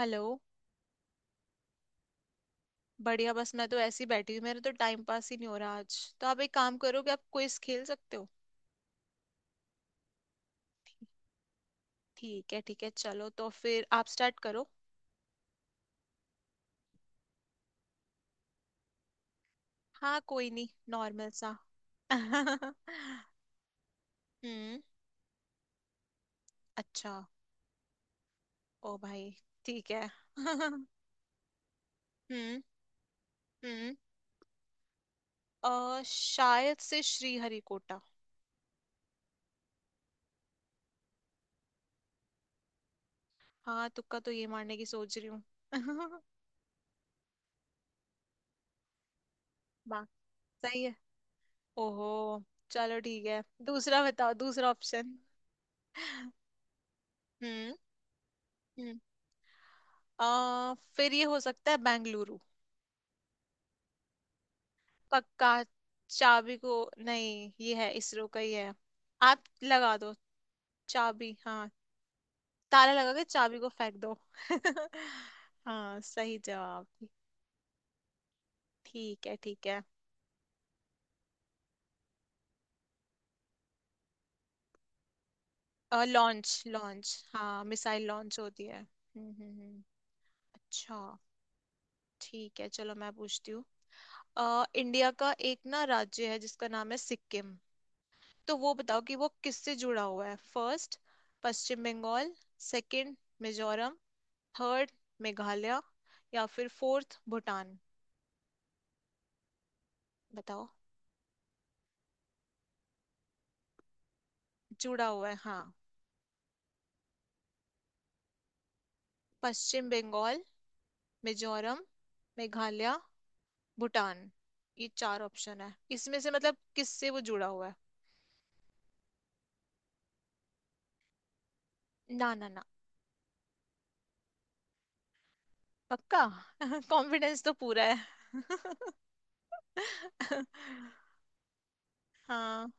Hello. बढ़िया, बस मैं तो ऐसी बैठी हूँ, मेरा तो टाइम पास ही नहीं हो रहा आज। तो आप एक काम करो कि आप क्विज खेल सकते हो। ठीक है, ठीक है, चलो तो फिर आप स्टार्ट करो। हाँ, कोई नहीं, नॉर्मल सा। हम्म। अच्छा। ओ भाई। ठीक है। हम्म, हम्म। शायद से श्रीहरिकोटा। हाँ, तुक्का तो ये मारने की सोच रही हूँ। बा सही है। ओहो, चलो ठीक है। दूसरा बताओ, दूसरा ऑप्शन। हम्म। फिर ये हो सकता है बेंगलुरु। पक्का। चाबी को नहीं, ये है इसरो का ही है। आप लगा दो। चाबी, हाँ। ताला लगा के चाबी को फेंक दो। हाँ, सही जवाब। ठीक है, ठीक है। लॉन्च लॉन्च, हाँ मिसाइल लॉन्च होती है। हम्म, हम्म, अच्छा। ठीक है, चलो मैं पूछती हूँ। इंडिया का एक ना राज्य है जिसका नाम है सिक्किम। तो वो बताओ कि वो किससे जुड़ा हुआ है। First, Paschim Bangal. Second, Mizoram. Third, Meghalaya. या फिर फोर्थ, भूटान। बताओ। जुड़ा हुआ है, हाँ। पश्चिम बंगाल, मिजोरम, मेघालय, भूटान, ये चार ऑप्शन है इसमें से, मतलब किससे वो जुड़ा हुआ है। ना, ना, ना। पक्का। कॉन्फिडेंस तो पूरा है। हाँ।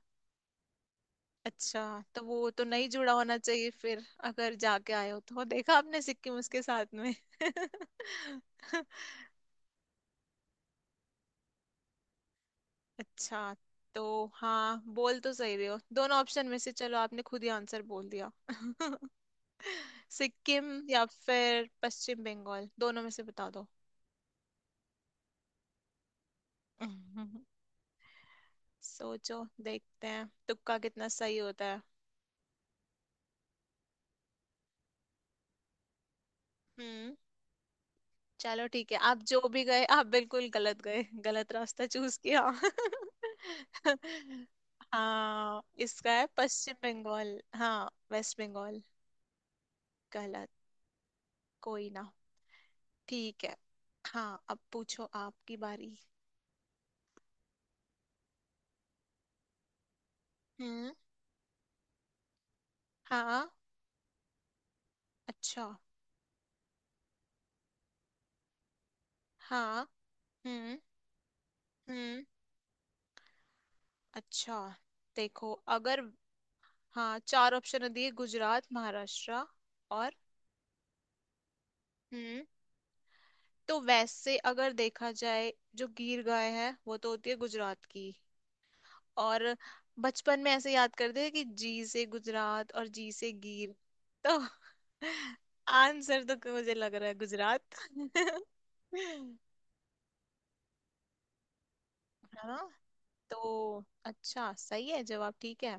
अच्छा। तो वो तो नहीं जुड़ा होना चाहिए फिर, अगर जाके आए हो तो देखा आपने सिक्किम उसके साथ में। अच्छा। तो हाँ, बोल तो सही रहे हो, दोनों ऑप्शन में से चलो आपने खुद ही आंसर बोल दिया। सिक्किम या फिर पश्चिम बंगाल, दोनों में से बता दो। सोचो, देखते हैं तुक्का कितना सही होता है। हम्म, चलो ठीक है। आप जो भी गए, आप बिल्कुल गलत गए, गलत रास्ता चूज किया। हाँ, इसका है पश्चिम बंगाल, हाँ वेस्ट बंगाल। गलत। कोई ना। ठीक है। हाँ, अब पूछो, आपकी बारी। हम्म। हाँ। अच्छा। हाँ। हम्म, हम्म। अच्छा। देखो अगर, हाँ, चार ऑप्शन दिए: गुजरात, महाराष्ट्र और, हम्म, तो वैसे अगर देखा जाए, जो गीर गाय है वो तो होती है गुजरात की। और बचपन में ऐसे याद करते हैं कि जी से गुजरात और जी से गीर। तो आंसर तो मुझे लग रहा है गुजरात। है ना। तो अच्छा, सही है जवाब। ठीक है।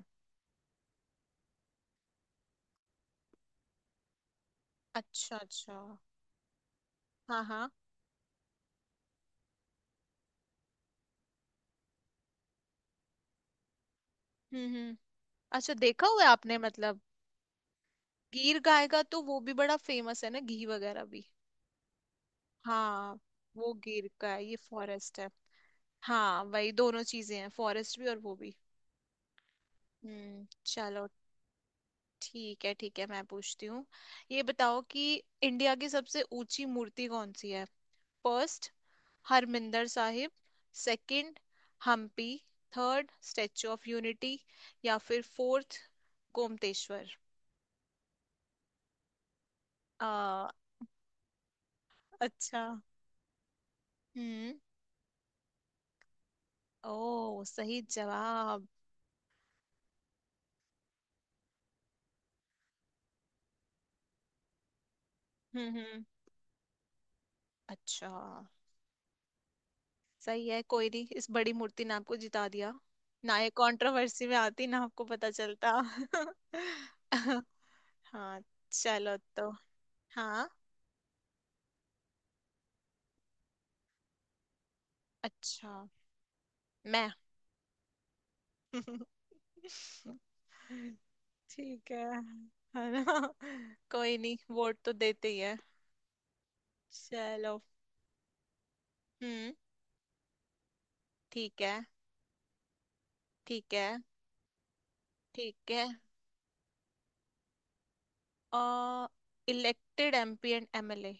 अच्छा, अच्छा। हाँ, हाँ। हम्म, हम्म। अच्छा, देखा हुआ है आपने मतलब। गीर गाय का तो वो भी बड़ा फेमस है ना, घी वगैरह भी। हाँ, वो गीर का है, ये फॉरेस्ट है। हाँ, वही दोनों चीजें हैं, फॉरेस्ट भी और वो भी। हम्म, चलो। ठीक है, ठीक है, मैं पूछती हूँ। ये बताओ कि इंडिया की सबसे ऊंची मूर्ति कौन सी है। First, Harmandir Sahib. Second, Hampi. Third, statue of unity. या फिर फोर्थ, गोमतेश्वर। आ, अच्छा। हम्म। ओ, सही जवाब। हम्म, हम्म। अच्छा। सही है, कोई नहीं, इस बड़ी मूर्ति ने आपको जिता दिया। ना ये कंट्रोवर्सी में आती, ना आपको पता चलता। हाँ। चलो तो, हाँ, अच्छा। मैं। ठीक है। है ना। कोई नहीं, वोट तो देते ही है। चलो। हम्म। ठीक है, ठीक है, ठीक है। Uh elected MP and MLA.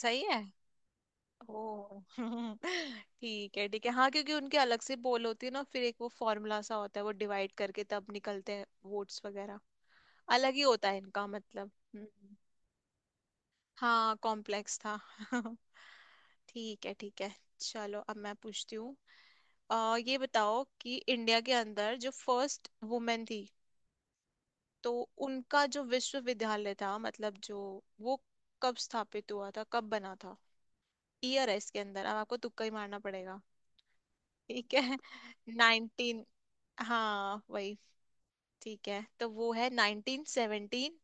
सही है। ओ, ठीक है, ठीक है। हाँ, क्योंकि उनके अलग से पोल होती है ना, फिर एक वो फॉर्मूला सा होता है, वो डिवाइड करके तब निकलते हैं। वोट्स वगैरह अलग ही होता है इनका मतलब। हम्म। हाँ, कॉम्प्लेक्स था। ठीक है, ठीक है। चलो अब मैं पूछती हूँ। ये बताओ कि इंडिया के अंदर जो फर्स्ट वुमेन थी, तो उनका जो विश्वविद्यालय था, मतलब जो वो कब स्थापित हुआ था, कब बना था। ईयर है इसके अंदर, अब आपको तुक्का ही मारना पड़ेगा। ठीक है। नाइनटीन, हाँ वही। ठीक है, तो वो है 1917,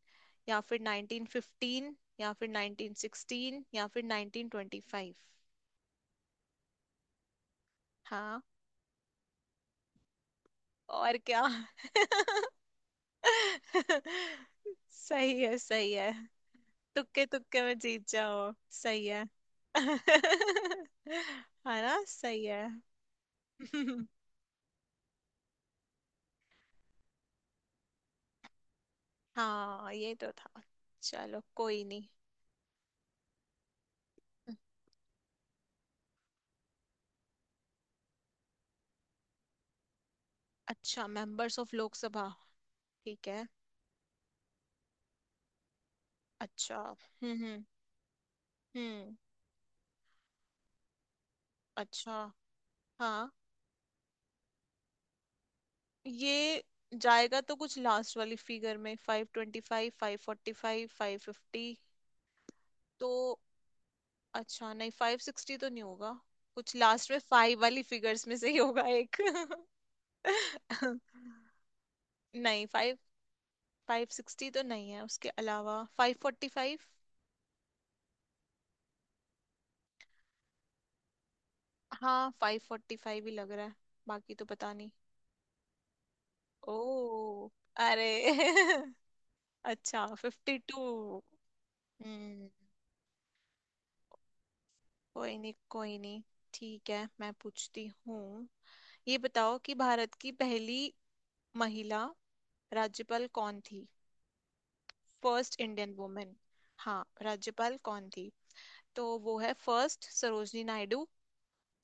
या फिर 1915, या फिर 1916, या फिर 1925। हाँ, और क्या। सही है, सही है। तुक्के तुक्के में जीत जाओ। सही है। है ना, सही है। हाँ, ये तो था। चलो, कोई नहीं। अच्छा, मेंबर्स ऑफ लोकसभा। ठीक है। अच्छा। हम्म, हम्म, हम्म। अच्छा। हाँ, ये जाएगा तो कुछ लास्ट वाली फिगर में, 525, 545, 550। तो अच्छा, नहीं, 560 तो नहीं होगा। कुछ लास्ट में फाइव वाली फिगर्स में से ही होगा एक। नहीं फाइव, 560 तो नहीं है, उसके अलावा 545। हाँ, 545 ही लग रहा है। बाकी तो पता नहीं। ओ, अरे। अच्छा, 52। कोई नहीं, कोई नहीं। ठीक है, मैं पूछती हूँ। ये बताओ कि भारत की पहली महिला राज्यपाल कौन थी। First Indian women. हाँ, राज्यपाल कौन थी। तो वो है, first, Sarojini Naidu.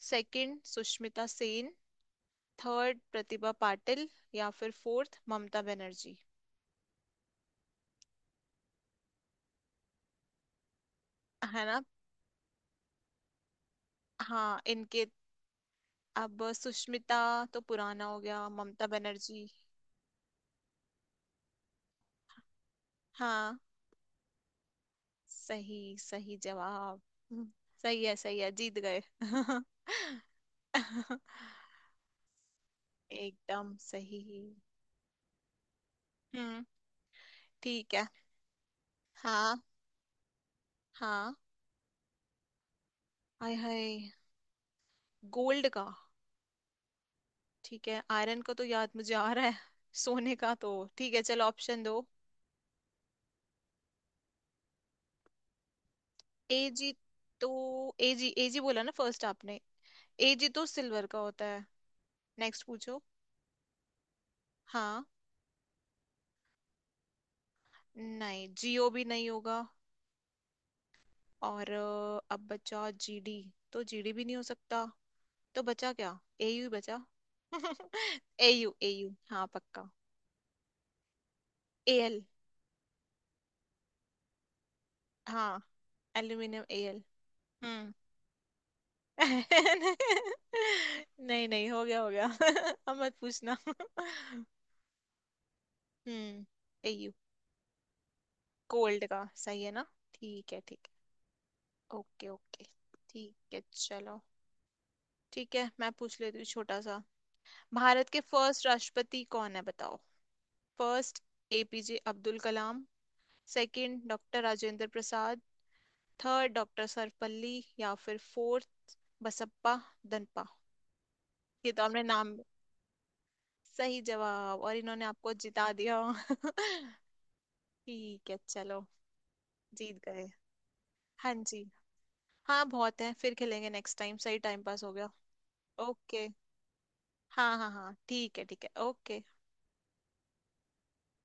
Second, Sushmita Sen. Third, Pratibha Patil. या फिर फोर्थ, ममता बनर्जी। है ना। हाँ, इनके, अब सुष्मिता तो पुराना हो गया, ममता बनर्जी। हाँ, सही, सही जवाब। हम्म, सही है, सही है, जीत गए। एकदम सही। हम्म। ठीक है। हाँ, हाँ। हाय हाय, गोल्ड का। ठीक है, आयरन का तो याद मुझे आ रहा है, सोने का तो। ठीक है, चलो ऑप्शन दो। A G. तो AG, AG बोला ना फर्स्ट आपने। AG तो सिल्वर का होता है। नेक्स्ट पूछो। हाँ। नहीं, जियो भी नहीं होगा। और अब बचा GD, तो GD भी नहीं हो सकता। तो बचा क्या, AU बचा। AU, AU, हाँ पक्का। एल। हाँ, एल्यूमिनियम एल। हम्म। नहीं, नहीं, हो गया, हो गया। अब मत पूछना। हम्म। AU। कोल्ड का सही है ना। ठीक है, ठीक है, ओके, ओके। ठीक है, चलो। ठीक है, मैं पूछ लेती हूँ छोटा सा। भारत के फर्स्ट राष्ट्रपति कौन है, बताओ। First, APJ Abdul Kalam. Second, doctor Rajendra Prasad. Third, doctor Sarvepalli. या फिर फोर्थ, बसप्पा दनपा। ये तो हमने नाम, सही जवाब, और इन्होंने आपको जिता दिया। ठीक है, चलो जीत गए। हाँ जी। हाँ, बहुत है, फिर खेलेंगे नेक्स्ट टाइम, सही टाइम पास हो गया। ओके। हाँ, हाँ, हाँ, ठीक है, ठीक है, ओके।